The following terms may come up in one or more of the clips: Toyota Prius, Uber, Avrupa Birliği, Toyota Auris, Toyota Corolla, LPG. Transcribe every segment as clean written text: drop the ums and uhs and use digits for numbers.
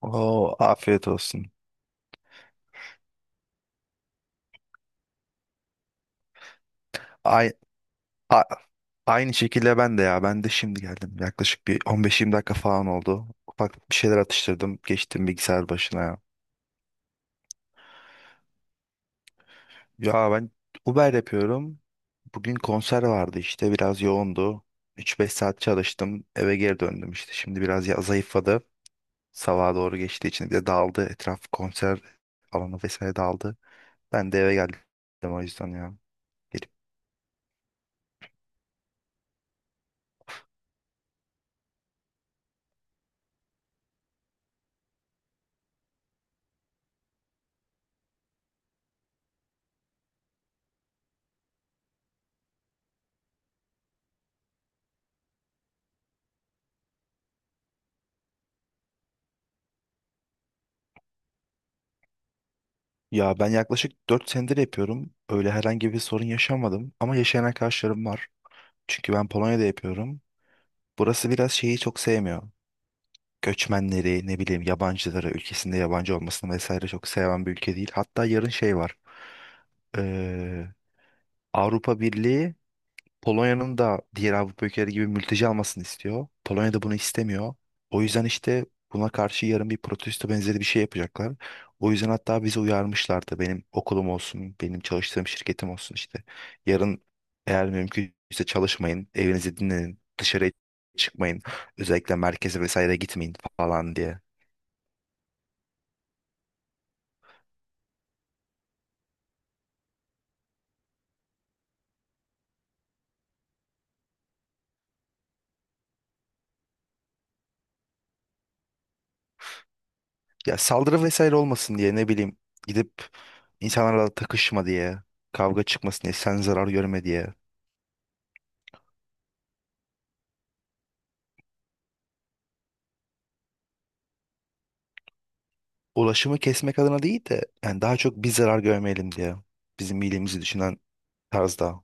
Oo, afiyet olsun. Ay, a- aynı şekilde ben de ya. Ben de şimdi geldim. Yaklaşık bir 15-20 dakika falan oldu. Ufak bir şeyler atıştırdım. Geçtim bilgisayar başına ya. Ya ben Uber yapıyorum. Bugün konser vardı işte. Biraz yoğundu. 3-5 saat çalıştım. Eve geri döndüm işte. Şimdi biraz ya zayıfladı. Sabaha doğru geçtiği için bir de dağıldı. Etraf konser alanı vesaire dağıldı. Ben de eve geldim o yüzden ya. Ya ben yaklaşık 4 senedir yapıyorum. Öyle herhangi bir sorun yaşamadım ama yaşayan arkadaşlarım var. Çünkü ben Polonya'da yapıyorum. Burası biraz şeyi çok sevmiyor. Göçmenleri, ne bileyim yabancıları, ülkesinde yabancı olmasını vesaire çok seven bir ülke değil. Hatta yarın şey var. Ee, Avrupa Birliği Polonya'nın da diğer Avrupa ülkeleri gibi mülteci almasını istiyor. Polonya da bunu istemiyor. O yüzden işte buna karşı yarın bir protesto benzeri bir şey yapacaklar. O yüzden hatta bizi uyarmışlardı. Benim okulum olsun, benim çalıştığım şirketim olsun işte. Yarın eğer mümkünse çalışmayın, evinizi dinlenin, dışarıya çıkmayın. Özellikle merkeze vesaire gitmeyin falan diye. Ya saldırı vesaire olmasın diye ne bileyim gidip insanlarla takışma diye, kavga çıkmasın diye, sen zarar görme diye. Ulaşımı kesmek adına değil de yani daha çok biz zarar görmeyelim diye bizim iyiliğimizi düşünen tarzda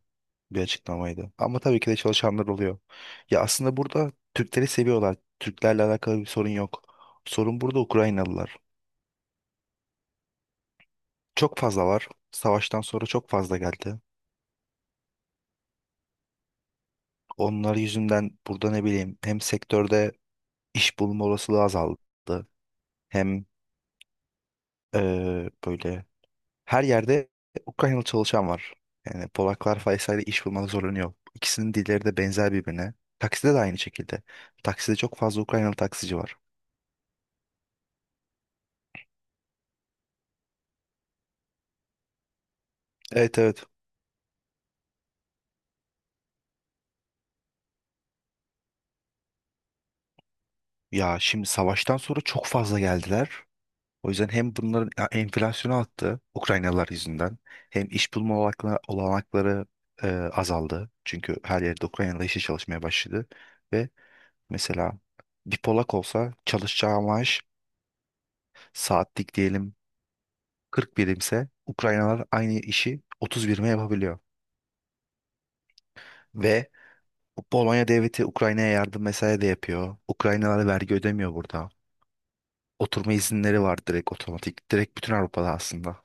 bir açıklamaydı. Ama tabii ki de çalışanlar oluyor. Ya aslında burada Türkleri seviyorlar. Türklerle alakalı bir sorun yok. Sorun burada Ukraynalılar. Çok fazla var. Savaştan sonra çok fazla geldi. Onlar yüzünden burada ne bileyim hem sektörde iş bulma olasılığı azaldı. Hem böyle her yerde Ukraynalı çalışan var. Yani Polaklar Faysa'yla iş bulmada zorlanıyor. İkisinin dilleri de benzer birbirine. Takside de aynı şekilde. Takside çok fazla Ukraynalı taksici var. Evet, evet. Ya şimdi savaştan sonra çok fazla geldiler. O yüzden hem bunların ya, enflasyonu arttı Ukraynalılar yüzünden. Hem iş bulma olanakları azaldı. Çünkü her yerde Ukraynalı işe çalışmaya başladı. Ve mesela bir Polak olsa çalışacağı maaş saatlik diyelim 40 birimse Ukraynalar aynı işi 30 birime yapabiliyor. Ve Polonya devleti Ukrayna'ya yardım vesaire de yapıyor. Ukraynalara vergi ödemiyor burada. Oturma izinleri var direkt otomatik. Direkt bütün Avrupa'da aslında.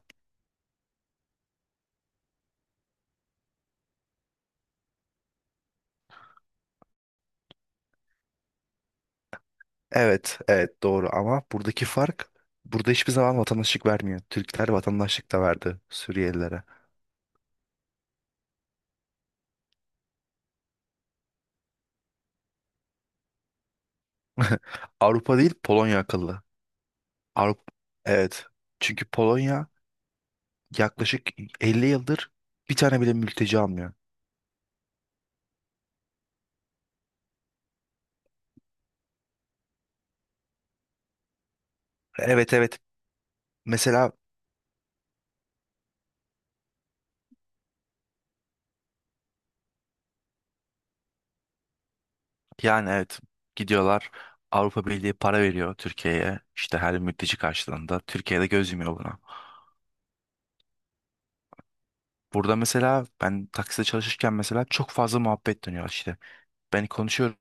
Evet, evet doğru ama buradaki fark burada hiçbir zaman vatandaşlık vermiyor. Türkler vatandaşlık da verdi Suriyelilere. Avrupa değil Polonya akıllı. Avrupa evet. Çünkü Polonya yaklaşık 50 yıldır bir tane bile mülteci almıyor. Evet, evet. Mesela yani evet gidiyorlar, Avrupa Birliği para veriyor Türkiye'ye işte her mülteci karşılığında, Türkiye'de göz yumuyor buna. Burada mesela ben takside çalışırken mesela çok fazla muhabbet dönüyor işte. Ben konuşuyorum,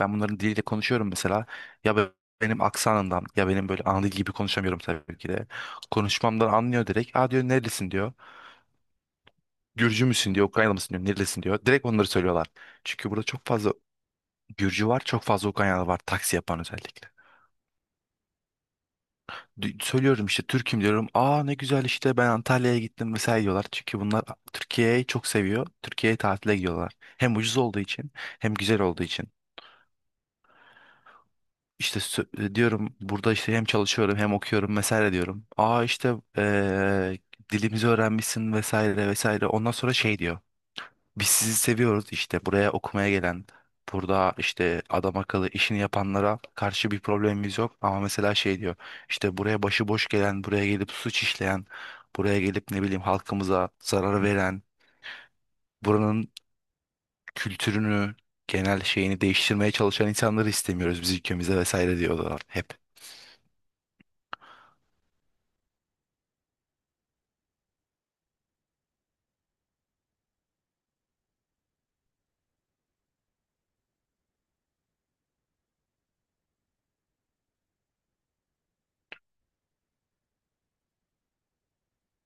ben bunların diliyle konuşuyorum mesela ya benim aksanından, ya benim böyle ana dil gibi konuşamıyorum tabii ki de. Konuşmamdan anlıyor direkt. Aa diyor, nerelisin diyor. Gürcü müsün diyor, Ukraynalı mısın diyor, nerelisin diyor. Direkt onları söylüyorlar. Çünkü burada çok fazla Gürcü var, çok fazla Ukraynalı var taksi yapan özellikle. Söylüyorum işte Türk'üm diyorum. Aa ne güzel, işte ben Antalya'ya gittim mesela diyorlar. Çünkü bunlar Türkiye'yi çok seviyor. Türkiye'ye tatile gidiyorlar. Hem ucuz olduğu için hem güzel olduğu için. İşte diyorum burada işte hem çalışıyorum hem okuyorum vesaire diyorum. Aa işte dilimizi öğrenmişsin vesaire vesaire. Ondan sonra şey diyor. Biz sizi seviyoruz işte buraya okumaya gelen, burada işte adam akıllı işini yapanlara karşı bir problemimiz yok. Ama mesela şey diyor, işte buraya başıboş gelen, buraya gelip suç işleyen, buraya gelip ne bileyim halkımıza zarar veren, buranın kültürünü, genel şeyini değiştirmeye çalışan insanları istemiyoruz biz ülkemize vesaire diyorlar hep.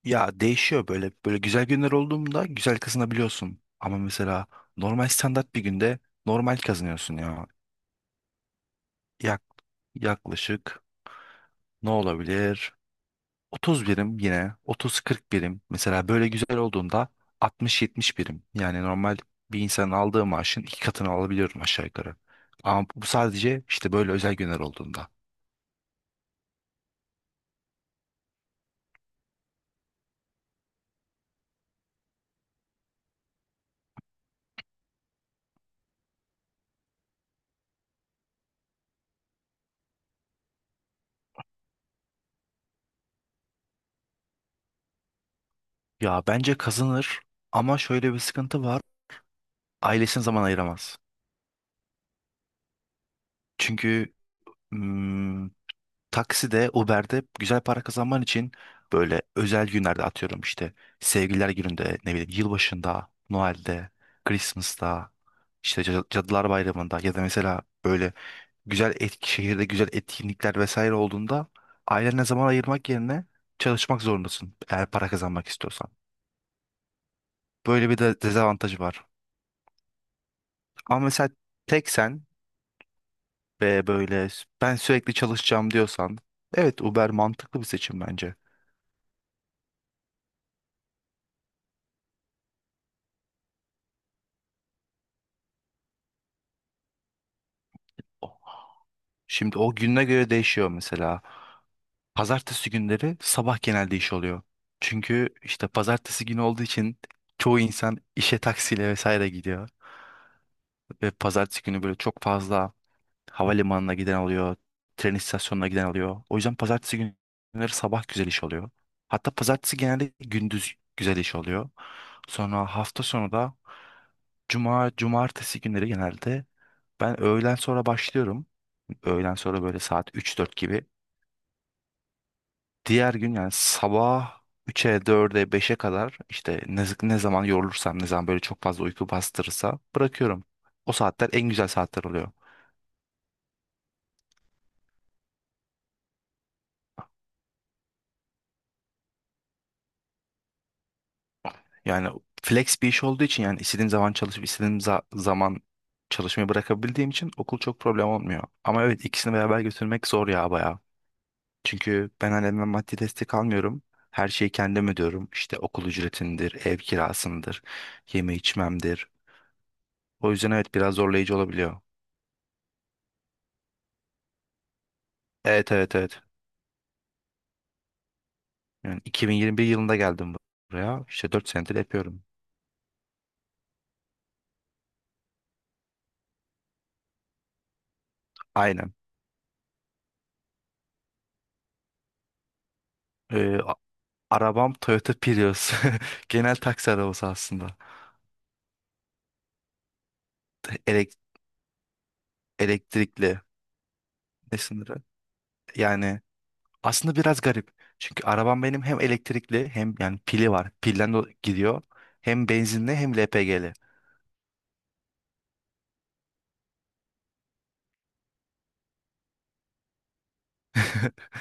Ya değişiyor böyle. Böyle güzel günler olduğunda güzel kazanabiliyorsun. Ama mesela normal standart bir günde normal kazanıyorsun ya. Yak, yaklaşık. Ne olabilir? 30 birim yine. 30-40 birim. Mesela böyle güzel olduğunda 60-70 birim. Yani normal bir insanın aldığı maaşın iki katını alabiliyorum aşağı yukarı. Ama bu sadece işte böyle özel günler olduğunda. Ya bence kazanır ama şöyle bir sıkıntı var. Ailesine zaman ayıramaz. Çünkü hmm, takside, Uber'de güzel para kazanman için böyle özel günlerde atıyorum işte sevgililer gününde, ne bileyim yılbaşında, Noel'de, Christmas'ta, işte Cadılar Bayramı'nda ya da mesela böyle güzel şehirde güzel etkinlikler vesaire olduğunda ailene zaman ayırmak yerine çalışmak zorundasın eğer para kazanmak istiyorsan. Böyle bir de dezavantajı var. Ama mesela tek sen ve böyle ben sürekli çalışacağım diyorsan evet Uber mantıklı bir seçim bence. Şimdi o gününe göre değişiyor mesela. Pazartesi günleri sabah genelde iş oluyor. Çünkü işte pazartesi günü olduğu için çoğu insan işe taksiyle vesaire gidiyor. Ve pazartesi günü böyle çok fazla havalimanına giden oluyor, tren istasyonuna giden oluyor. O yüzden pazartesi günleri sabah güzel iş oluyor. Hatta pazartesi genelde gündüz güzel iş oluyor. Sonra hafta sonu da cuma, cumartesi günleri genelde ben öğlen sonra başlıyorum. Öğlen sonra böyle saat üç dört gibi. Diğer gün yani sabah üçe 4'e beşe kadar işte ne zaman yorulursam, ne zaman böyle çok fazla uyku bastırırsa bırakıyorum. O saatler en güzel saatler oluyor. Yani flex bir iş olduğu için, yani istediğim zaman çalışıp istediğim zaman çalışmayı bırakabildiğim için okul çok problem olmuyor. Ama evet, ikisini beraber götürmek zor ya, bayağı. Çünkü ben ailemden maddi destek almıyorum. Her şeyi kendim ödüyorum. İşte okul ücretindir, ev kirasındır, yeme içmemdir. O yüzden evet biraz zorlayıcı olabiliyor. Evet, evet, evet. Yani 2021 yılında geldim buraya. İşte 4 senedir yapıyorum. Aynen. Ee, a- arabam Toyota Prius. Genel taksi arabası aslında. Elek- elektrikli. Ne sınırı? Yani aslında biraz garip. Çünkü arabam benim hem elektrikli hem yani pili var. Pilden de gidiyor. Hem benzinli hem LPG'li.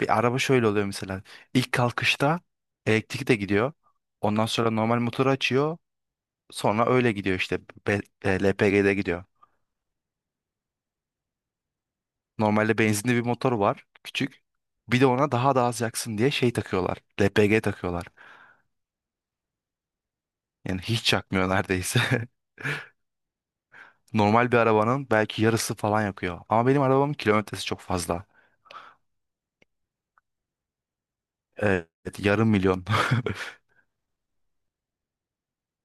Bir araba şöyle oluyor mesela. İlk kalkışta elektrik de gidiyor. Ondan sonra normal motoru açıyor. Sonra öyle gidiyor işte. LPG'de gidiyor. Normalde benzinli bir motor var küçük. Bir de ona daha da az yaksın diye şey takıyorlar. LPG takıyorlar. Yani hiç yakmıyor neredeyse. Normal bir arabanın belki yarısı falan yakıyor. Ama benim arabamın kilometresi çok fazla. Evet, 500.000.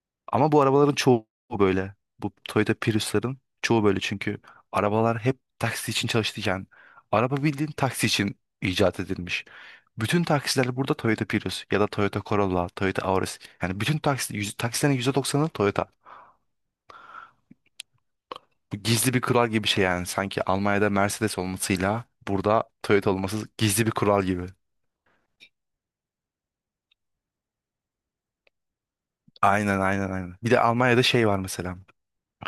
Ama bu arabaların çoğu böyle. Bu Toyota Prius'ların çoğu böyle çünkü arabalar hep taksi için çalıştıyken araba bildiğin taksi için icat edilmiş. Bütün taksiler burada Toyota Prius ya da Toyota Corolla, Toyota Auris. Yani bütün taksi, taksilerin %90'ı Toyota. Bu gizli bir kural gibi bir şey yani. Sanki Almanya'da Mercedes olmasıyla burada Toyota olması gizli bir kural gibi. Aynen, aynen, aynen. Bir de Almanya'da şey var mesela.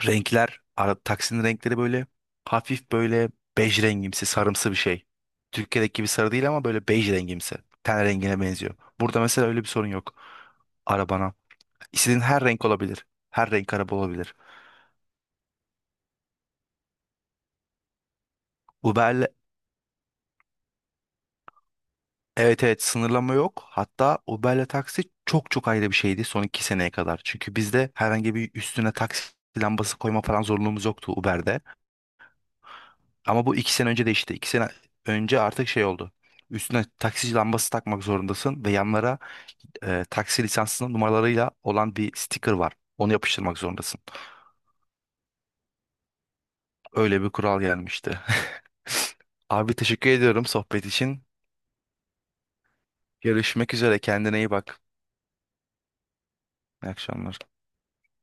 Renkler, taksinin renkleri böyle hafif böyle bej rengimsi, sarımsı bir şey. Türkiye'deki gibi sarı değil ama böyle bej rengimsi. Ten rengine benziyor. Burada mesela öyle bir sorun yok arabana. İstediğin her renk olabilir. Her renk araba olabilir. Uber'le Evet, evet sınırlama yok. Hatta Uber'le taksi çok çok ayrı bir şeydi son 2 seneye kadar. Çünkü bizde herhangi bir üstüne taksi lambası koyma falan zorunluluğumuz yoktu Uber'de. Ama bu 2 sene önce değişti. 2 sene önce artık şey oldu. Üstüne taksi lambası takmak zorundasın ve yanlara taksi lisansının numaralarıyla olan bir sticker var. Onu yapıştırmak zorundasın. Öyle bir kural gelmişti. Abi teşekkür ediyorum sohbet için. Görüşmek üzere. Kendine iyi bak. İyi akşamlar.